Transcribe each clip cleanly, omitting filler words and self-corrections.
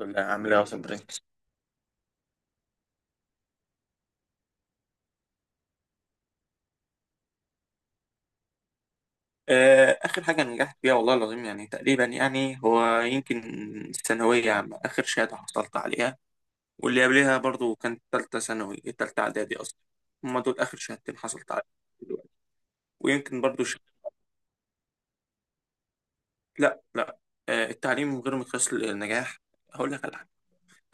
لا عامل ايه يا صبري؟ آه، اخر حاجه نجحت فيها والله العظيم يعني تقريبا يعني هو يمكن الثانويه عامه اخر شهاده حصلت عليها، واللي قبلها برضو كانت ثالثه ثانوي، ثالثه اعدادي اصلا. هما دول اخر شهادتين حصلت عليهم دلوقتي. ويمكن برضو لا لا. التعليم غير مقياس للنجاح. هقول لك على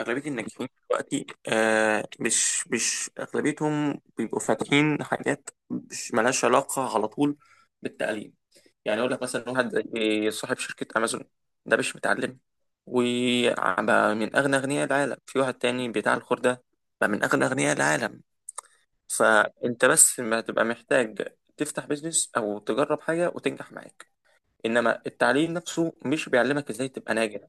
أغلبية الناجحين دلوقتي، آه، مش أغلبيتهم بيبقوا فاتحين حاجات مش ملهاش علاقة على طول بالتعليم. يعني أقول لك مثلا واحد زي صاحب شركة أمازون، ده مش متعلم وبقى من أغنى أغنياء العالم. في واحد تاني بتاع الخردة بقى من أغنى أغنياء العالم. فأنت بس ما تبقى محتاج تفتح بيزنس أو تجرب حاجة وتنجح معاك، إنما التعليم نفسه مش بيعلمك إزاي تبقى ناجح.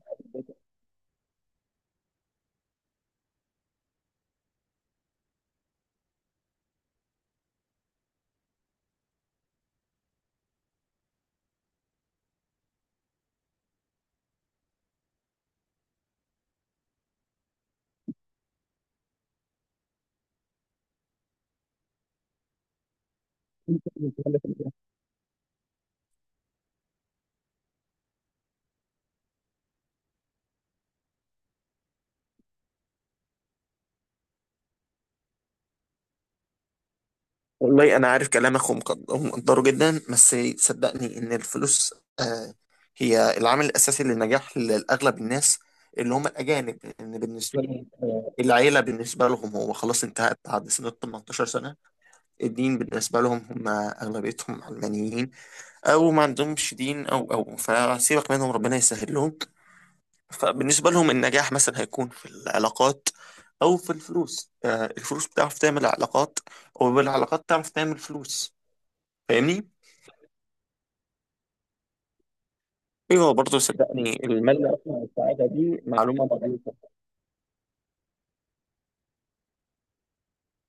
والله انا عارف كلامك ومقدره جدا، بس صدقني ان الفلوس، آه، هي العامل الاساسي للنجاح لاغلب الناس اللي هم الاجانب، ان بالنسبه لهم، آه، العيله بالنسبه لهم هو خلاص انتهت بعد سن ال 18 سنه. الدين بالنسبه لهم هم اغلبيتهم علمانيين، او ما عندهمش دين، او فسيبك منهم ربنا يسهل لهم. فبالنسبه لهم النجاح مثلا هيكون في العلاقات او في الفلوس. آه، الفلوس بتعرف تعمل علاقات، وبالعلاقات تعرف تعمل فلوس. فاهمني. ايوه، برضه صدقني المال اصلا والسعاده دي معلومه ضعيفه.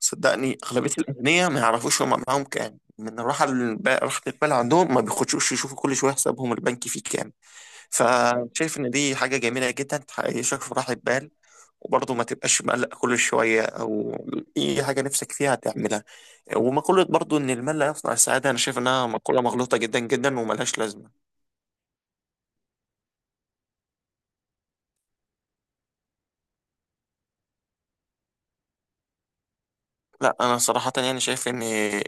صدقني اغلبيه الاغنياء ما يعرفوش هم معاهم كام. من الراحه راحه البال عندهم ما بيخشوش يشوفوا كل شويه حسابهم البنكي فيه كام. فشايف ان دي حاجه جميله جدا، تحققشك في راحه بال وبرضه ما تبقاش مقلق كل شويه، او اي حاجه نفسك فيها تعملها. ومقوله برضه ان المال لا يصنع السعاده، انا شايف انها مقوله مغلوطه جدا جدا وملهاش لازمه. لا، انا صراحه يعني شايف ان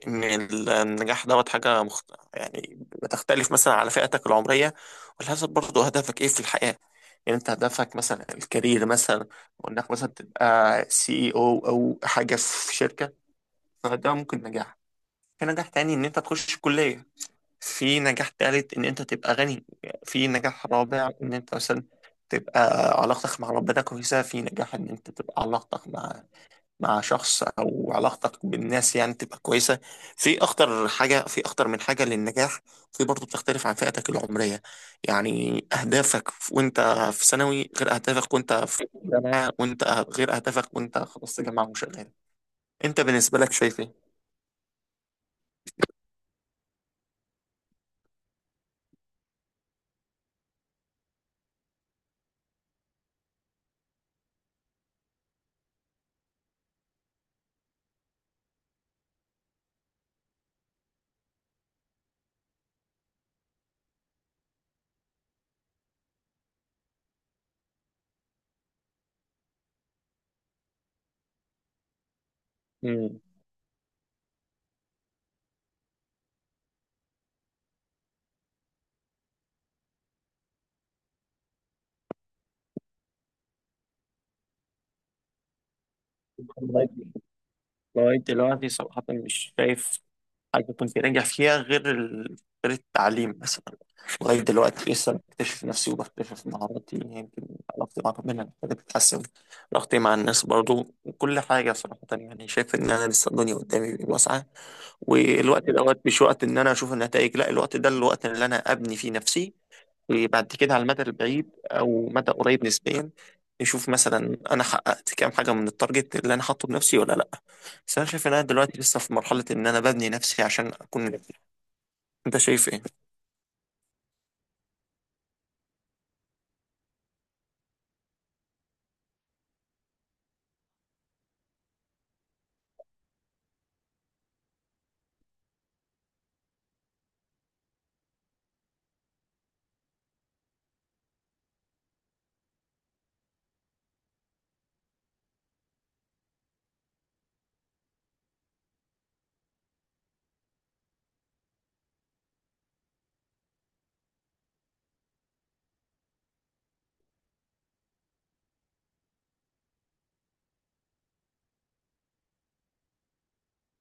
ان النجاح دوت حاجه يعني بتختلف مثلا على فئتك العمريه وعلى حسب برضه هدفك ايه في الحياه. يعني انت هدفك مثلا الكارير مثلا، وانك مثلا تبقى سي اي او او حاجه في شركه، فده ممكن نجاح. في نجاح تاني ان انت تخش كليه. في نجاح تالت ان انت تبقى غني. في نجاح رابع ان انت مثلا تبقى علاقتك مع ربنا كويسه. في نجاح ان انت تبقى علاقتك مع مع شخص او علاقتك بالناس يعني تبقى كويسه. في اخطر حاجه، في اخطر من حاجه للنجاح. في برضه بتختلف عن فئتك العمريه، يعني اهدافك وانت في ثانوي غير اهدافك وانت في جامعه، وانت غير اهدافك وانت خلصت جامعه وشغال. انت بالنسبه لك شايف ايه؟ مم. لغاية لغاية دلوقتي صراحة مش شايف حاجة كنت ناجح فيها غير غير التعليم بس. لغاية دلوقتي لسه بكتشف نفسي وبكتشف مهاراتي. يمكن علاقتي مع ربنا محتاجة تتحسن، علاقتي مع الناس برضو، وكل حاجة. صراحة يعني شايف إن أنا لسه الدنيا قدامي واسعة، والوقت دوت مش وقت إن أنا أشوف النتائج، لا الوقت ده الوقت اللي أنا أبني فيه نفسي. وبعد كده على المدى البعيد أو مدى قريب نسبيا نشوف مثلا أنا حققت كام حاجة من التارجت اللي أنا حاطه بنفسي ولا لأ. بس أنا شايف إن أنا دلوقتي لسه في مرحلة إن أنا ببني نفسي عشان أكون ناجح. أنت شايف إيه؟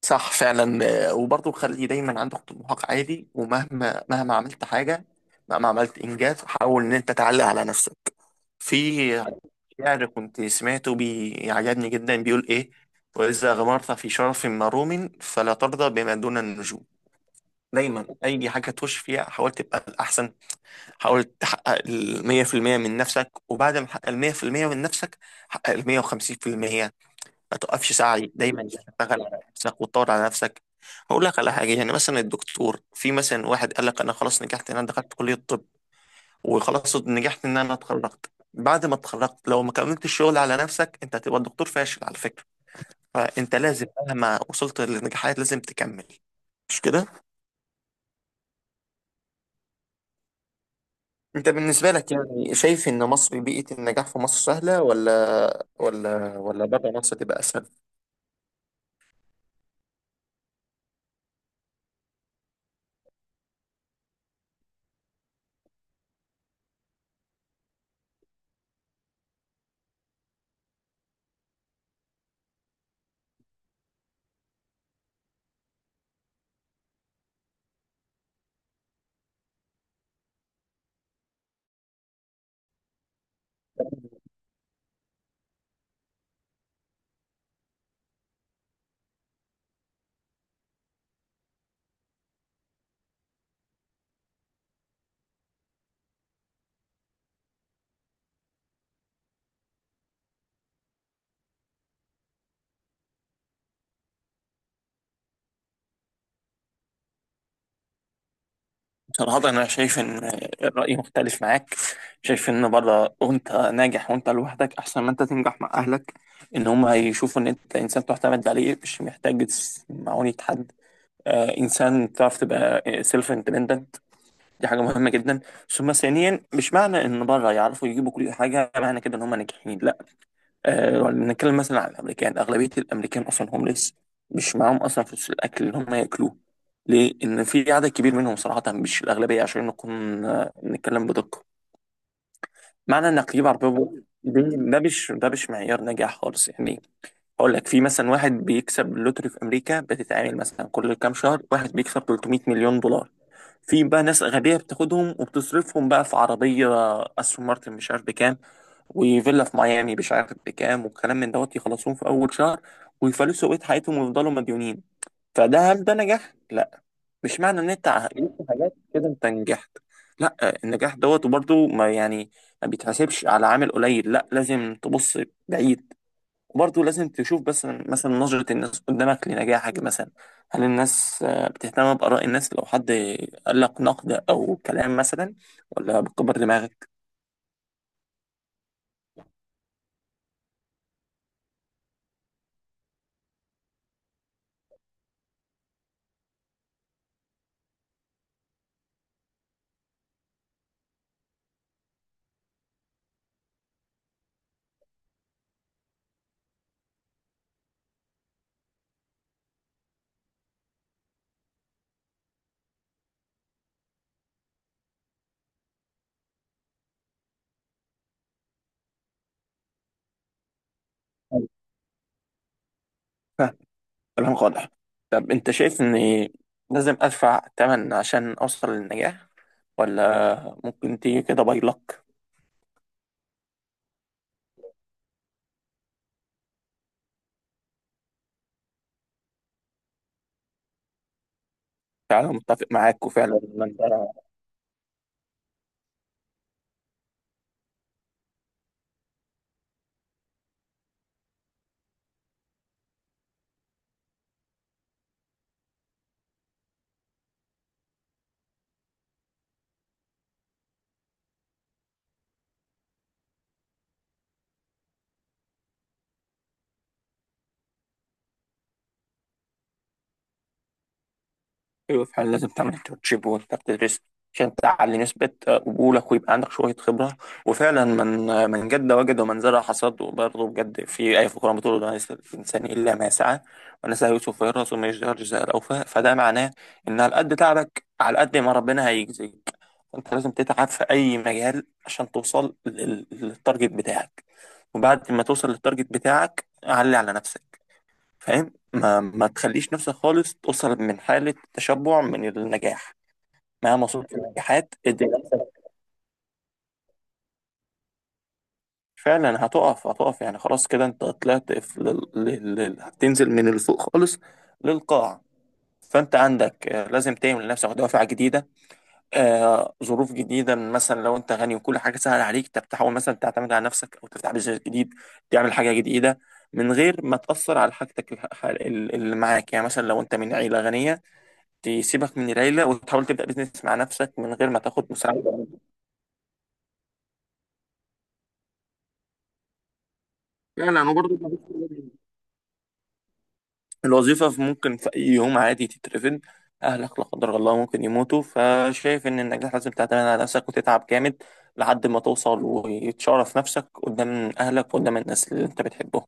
صح فعلا، آه، وبرضه خلي دايما عندك طموحك عالي، ومهما مهما عملت حاجة، مهما عملت إنجاز، حاول إن أنت تعلق على نفسك. في شعر كنت سمعته بيعجبني جدا، بيقول إيه؟ وإذا غمرت في شرف مروم فلا ترضى بما دون النجوم. دايما أي حاجة تخش فيها حاول تبقى الأحسن. حاول تحقق 100% من نفسك، وبعد ما تحقق 100% من نفسك، حقق 150%. ما توقفش سعي، دايما تشتغل على نفسك وتطور على نفسك. هقول لك على حاجه، يعني مثلا الدكتور، في مثلا واحد قال لك انا خلاص نجحت ان انا دخلت كليه الطب، وخلاص نجحت ان انا اتخرجت. بعد ما اتخرجت لو ما كملتش الشغل على نفسك انت هتبقى دكتور فاشل على فكره. فانت لازم مهما وصلت للنجاحات لازم تكمل، مش كده؟ انت بالنسبه لك يعني شايف ان مصر بيئه النجاح في مصر سهله، ولا ولا بره مصر تبقى اسهل؟ صراحة أنا شايف إن الرأي مختلف معاك. شايف إن بره وأنت ناجح وأنت لوحدك أحسن ما أنت تنجح مع أهلك. إن هم هيشوفوا إن أنت إنسان تعتمد عليه مش محتاج معونة حد، آه، إنسان تعرف تبقى سيلف اندبندنت. دي حاجة مهمة جدا. ثم ثانيا، مش معنى إن بره يعرفوا يجيبوا كل حاجة معنى كده إن هم ناجحين. لا. آه، نتكلم مثلا عن الامريكان، اغلبيه الامريكان اصلا هومليس، مش معاهم اصلا فلوس الاكل اللي هم ياكلوه. ليه؟ ان في عدد كبير منهم، صراحه مش الاغلبيه عشان نكون، آه، نتكلم بدقه. معنى انك تجيب عربيه دي، ده مش معيار نجاح خالص يعني. اقول لك في مثلا واحد بيكسب اللوتري في امريكا، بتتعامل مثلا كل كام شهر واحد بيكسب 300 مليون دولار. في بقى ناس غبيه بتاخدهم وبتصرفهم بقى في عربيه استون مارتن مش عارف بكام، وفيلا في ميامي مش عارف بكام، والكلام من دوت، يخلصوهم في اول شهر ويفلسوا بقية حياتهم ويفضلوا مديونين. فده هل ده نجاح؟ لا. مش معنى ان انت عملت حاجات كده انت نجحت. لا. النجاح دوت وبرضه ما يعني ما بيتحسبش على عامل قليل. لا، لازم تبص بعيد. وبرضه لازم تشوف بس مثلا نظرة الناس قدامك لنجاحك مثلا، هل الناس، آه، بتهتم بآراء الناس؟ لو حد قال لك نقد او كلام مثلا، ولا بتكبر دماغك؟ كلامك واضح. طب انت شايف اني لازم ادفع تمن عشان اوصل للنجاح، ولا ممكن تيجي كده باي لك؟ فعلا متفق معاك، وفعلا انت، ايوه فعلا لازم تعمل انترنشيب وانت بتدرس عشان تعلي نسبة قبولك ويبقى عندك شوية خبرة. وفعلا من من جد وجد ومن زرع حصد. وبرضه بجد في آية في القرآن بتقول: لا يسأل الإنسان إلا ما سعى، ونسى يوسف ويرث وما يشجع الجزاء الأوفى. فده معناه إن على قد تعبك على قد ما ربنا هيجزيك. فأنت لازم تتعب في أي مجال عشان توصل للتارجت بتاعك. وبعد ما توصل للتارجت بتاعك علي على نفسك، فاهم؟ ما تخليش نفسك خالص توصل من حالة تشبع من النجاح. مهما صوت النجاحات ادي نفسك. فعلا هتقف، هتقف يعني خلاص كده. انت طلعت في هتنزل من اللي فوق خالص للقاع. فانت عندك، آه، لازم تعمل لنفسك دوافع جديدة، آه، ظروف جديدة. مثلا لو انت غني وكل حاجة سهلة عليك، انت بتحاول مثلا تعتمد على نفسك او تفتح بيزنس جديد، تعمل حاجة جديدة من غير ما تأثر على حاجتك اللي معاك. يعني مثلا لو انت من عيلة غنية، تسيبك من العيلة وتحاول تبدأ بيزنس مع نفسك من غير ما تاخد مساعدة. فعلا انا برضه الوظيفة ممكن في أي يوم عادي تترفد. أهلك لا قدر الله ممكن يموتوا. فشايف إن النجاح لازم تعتمد على نفسك وتتعب جامد لحد ما توصل وتشرف نفسك قدام أهلك وقدام الناس اللي أنت بتحبهم.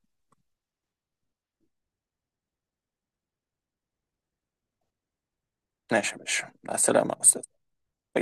ماشي يا باشا، مع السلامة يا أستاذ. باي باي.